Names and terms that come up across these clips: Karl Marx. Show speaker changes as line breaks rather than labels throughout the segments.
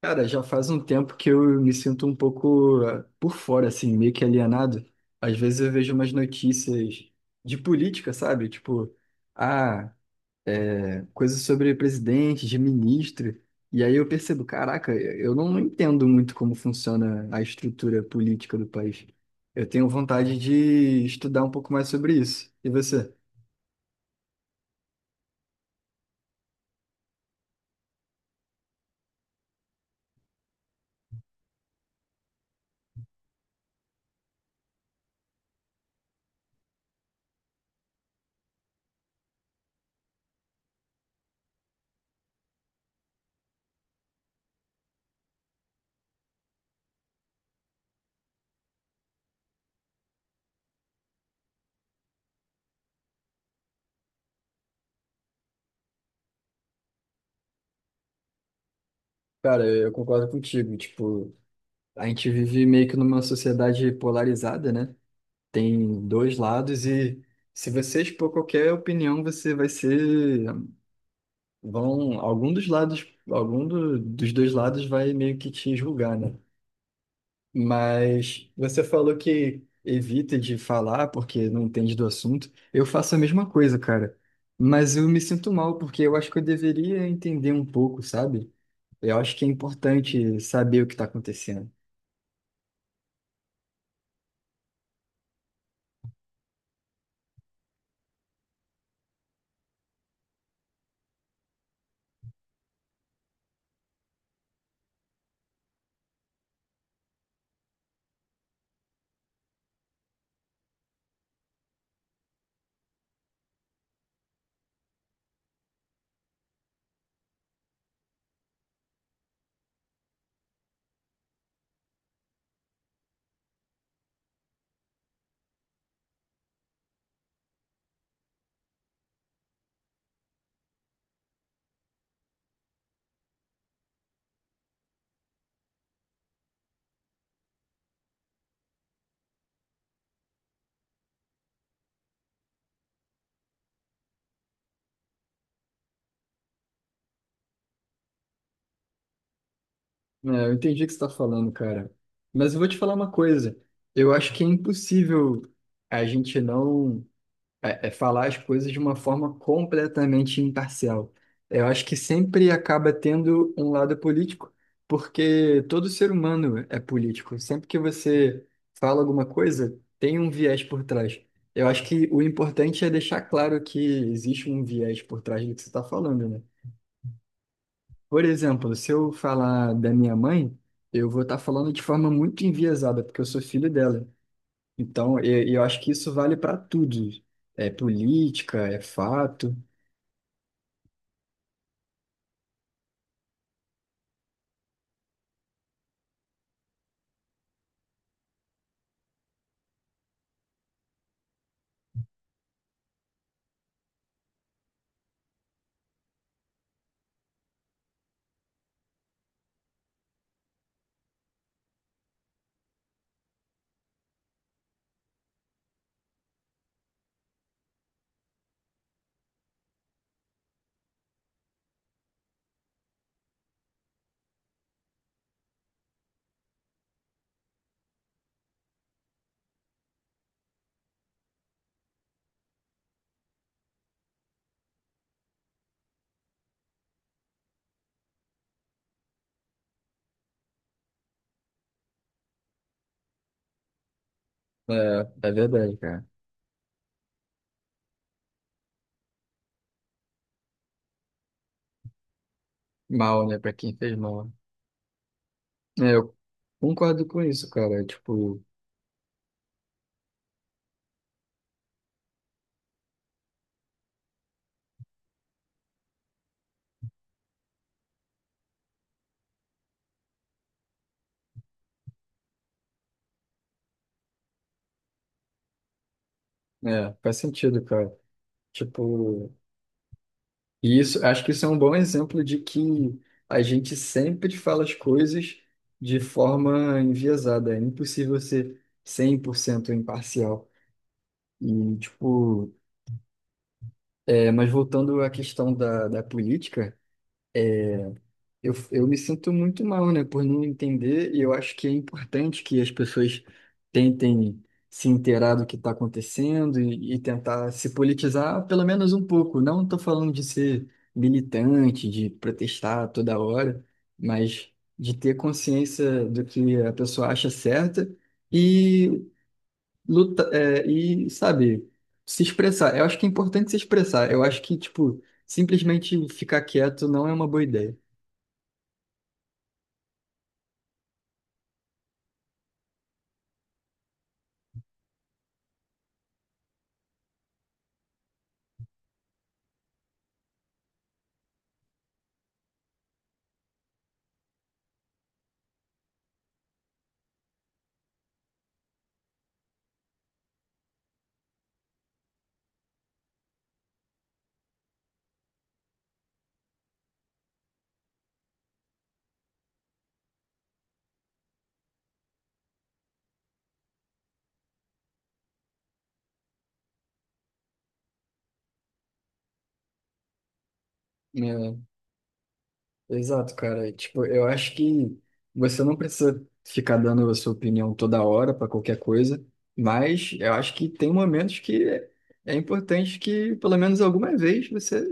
Cara, já faz um tempo que eu me sinto um pouco por fora, assim, meio que alienado. Às vezes eu vejo umas notícias de política, sabe? Tipo, ah, coisas sobre presidente, de ministro. E aí eu percebo, caraca, eu não entendo muito como funciona a estrutura política do país. Eu tenho vontade de estudar um pouco mais sobre isso. E você? Cara, eu concordo contigo. Tipo, a gente vive meio que numa sociedade polarizada, né? Tem dois lados e se você expor qualquer opinião, você vai ser, vão, algum dos lados, dos dois lados vai meio que te julgar, né? Mas você falou que evita de falar porque não entende do assunto. Eu faço a mesma coisa, cara. Mas eu me sinto mal porque eu acho que eu deveria entender um pouco, sabe? Eu acho que é importante saber o que está acontecendo. É, eu entendi o que você está falando, cara. Mas eu vou te falar uma coisa. Eu acho que é impossível a gente não falar as coisas de uma forma completamente imparcial. Eu acho que sempre acaba tendo um lado político, porque todo ser humano é político. Sempre que você fala alguma coisa, tem um viés por trás. Eu acho que o importante é deixar claro que existe um viés por trás do que você está falando, né? Por exemplo, se eu falar da minha mãe, eu vou estar falando de forma muito enviesada, porque eu sou filho dela. Então, eu acho que isso vale para tudo. É política, é fato. É, é verdade, cara. Mal, né? Para quem fez mal. É, eu concordo com isso, cara. Tipo, faz sentido, cara. Tipo, e isso, acho que isso é um bom exemplo de que a gente sempre fala as coisas de forma enviesada. É impossível ser 100% imparcial. E, tipo, mas voltando à questão da política, eu me sinto muito mal, né, por não entender, e eu acho que é importante que as pessoas tentem se inteirar do que está acontecendo e tentar se politizar pelo menos um pouco. Não estou falando de ser militante, de protestar toda hora, mas de ter consciência do que a pessoa acha certa e luta, e, sabe, se expressar. Eu acho que é importante se expressar. Eu acho que, tipo, simplesmente ficar quieto não é uma boa ideia. É, exato, cara. Tipo, eu acho que você não precisa ficar dando a sua opinião toda hora para qualquer coisa, mas eu acho que tem momentos que é importante que, pelo menos alguma vez, você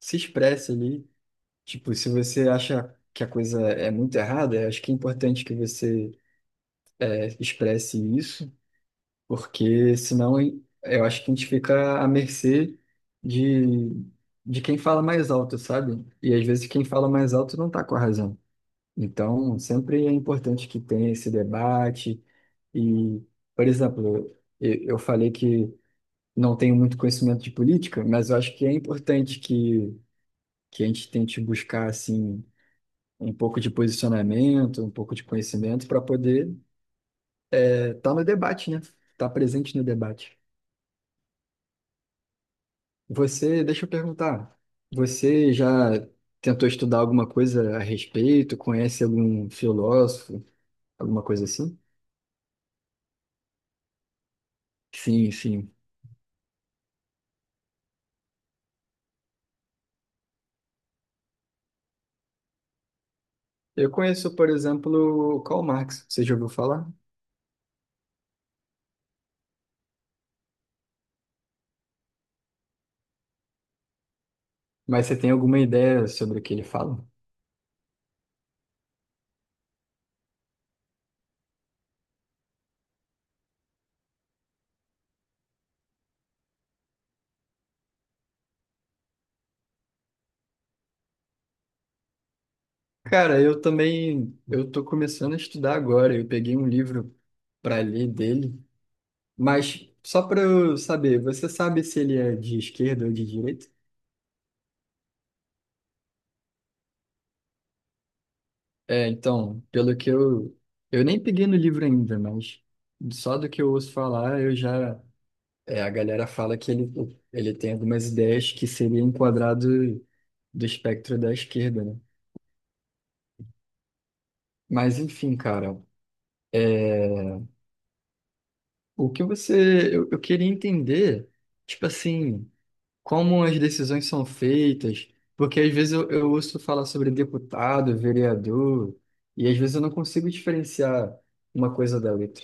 se expresse ali. Tipo, se você acha que a coisa é muito errada, eu acho que é importante que você expresse isso. Porque senão eu acho que a gente fica à mercê de, de, quem fala mais alto, sabe? E às vezes quem fala mais alto não está com a razão. Então, sempre é importante que tenha esse debate. E, por exemplo, eu falei que não tenho muito conhecimento de política, mas eu acho que é importante que a gente tente buscar, assim, um pouco de posicionamento, um pouco de conhecimento para poder estar no debate, né? Estar presente no debate. Você, deixa eu perguntar, você já tentou estudar alguma coisa a respeito? Conhece algum filósofo, alguma coisa assim? Sim, sim. Eu conheço, por exemplo, o Karl Marx, você já ouviu falar? Mas você tem alguma ideia sobre o que ele fala? Cara, eu também, eu tô começando a estudar agora, eu peguei um livro para ler dele, mas só para eu saber, você sabe se ele é de esquerda ou de direita? É, então, pelo que eu. Eu nem peguei no livro ainda, mas só do que eu ouço falar, eu já. É, a galera fala que ele tem algumas ideias que seria enquadrado do espectro da esquerda, né? Mas, enfim, cara, o que você. Eu queria entender, tipo assim, como as decisões são feitas, porque às vezes eu ouço falar sobre deputado, vereador, e às vezes eu não consigo diferenciar uma coisa da outra.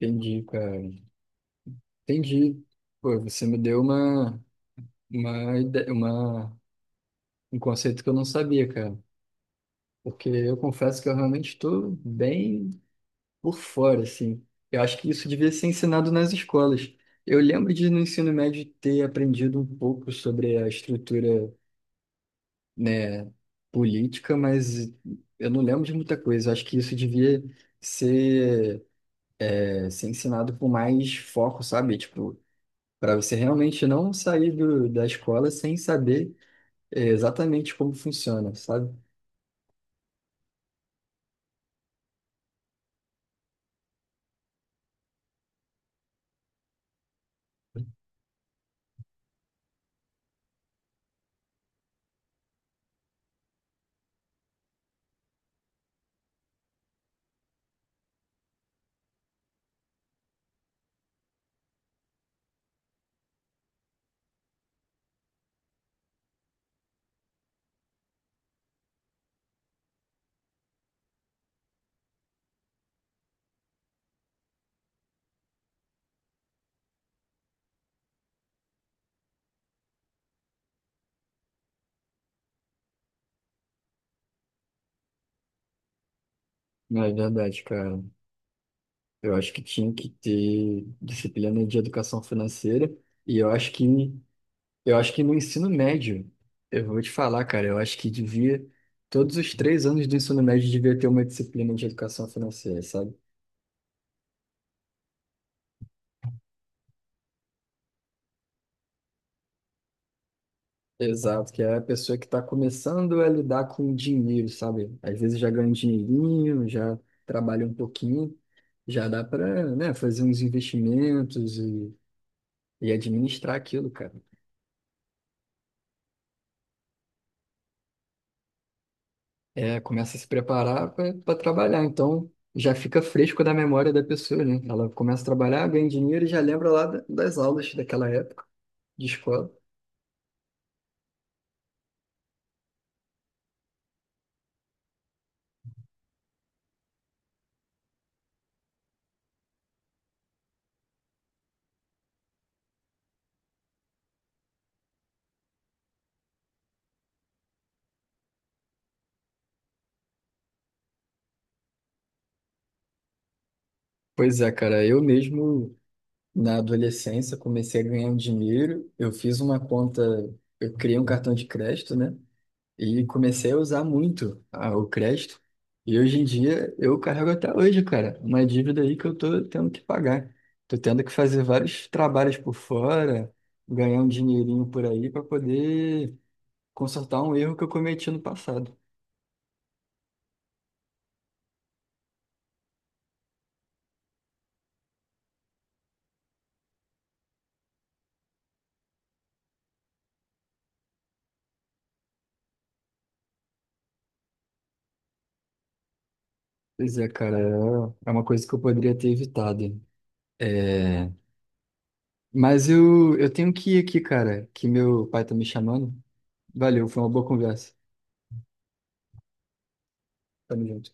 Entendi, cara. Entendi. Pô, você me deu uma, ide- uma, um conceito que eu não sabia, cara. Porque eu confesso que eu realmente estou bem por fora, assim. Eu acho que isso devia ser ensinado nas escolas. Eu lembro de, no ensino médio, ter aprendido um pouco sobre a estrutura, né, política, mas eu não lembro de muita coisa. Eu acho que isso devia ser, ser ensinado com mais foco, sabe? Tipo, para você realmente não sair do, da escola sem saber. É exatamente como funciona, sabe? Não, é verdade, cara. Eu acho que tinha que ter disciplina de educação financeira e eu acho que no ensino médio, eu vou te falar, cara, eu acho que devia todos os 3 anos do ensino médio devia ter uma disciplina de educação financeira, sabe? Exato, que é a pessoa que está começando a lidar com o dinheiro, sabe? Às vezes já ganha um dinheirinho, já trabalha um pouquinho, já dá para, né, fazer uns investimentos e administrar aquilo, cara. É, começa a se preparar para trabalhar. Então, já fica fresco da memória da pessoa, né? Ela começa a trabalhar, ganha dinheiro e já lembra lá das aulas daquela época de escola. Pois é, cara, eu mesmo na adolescência comecei a ganhar um dinheiro. Eu fiz uma conta, eu criei um cartão de crédito, né? E comecei a usar muito o crédito. E hoje em dia eu carrego até hoje, cara, uma dívida aí que eu tô tendo que pagar. Tô tendo que fazer vários trabalhos por fora, ganhar um dinheirinho por aí para poder consertar um erro que eu cometi no passado. Pois é, cara, é uma coisa que eu poderia ter evitado. É... Mas eu tenho que ir aqui, cara, que meu pai tá me chamando. Valeu, foi uma boa conversa. Tamo junto.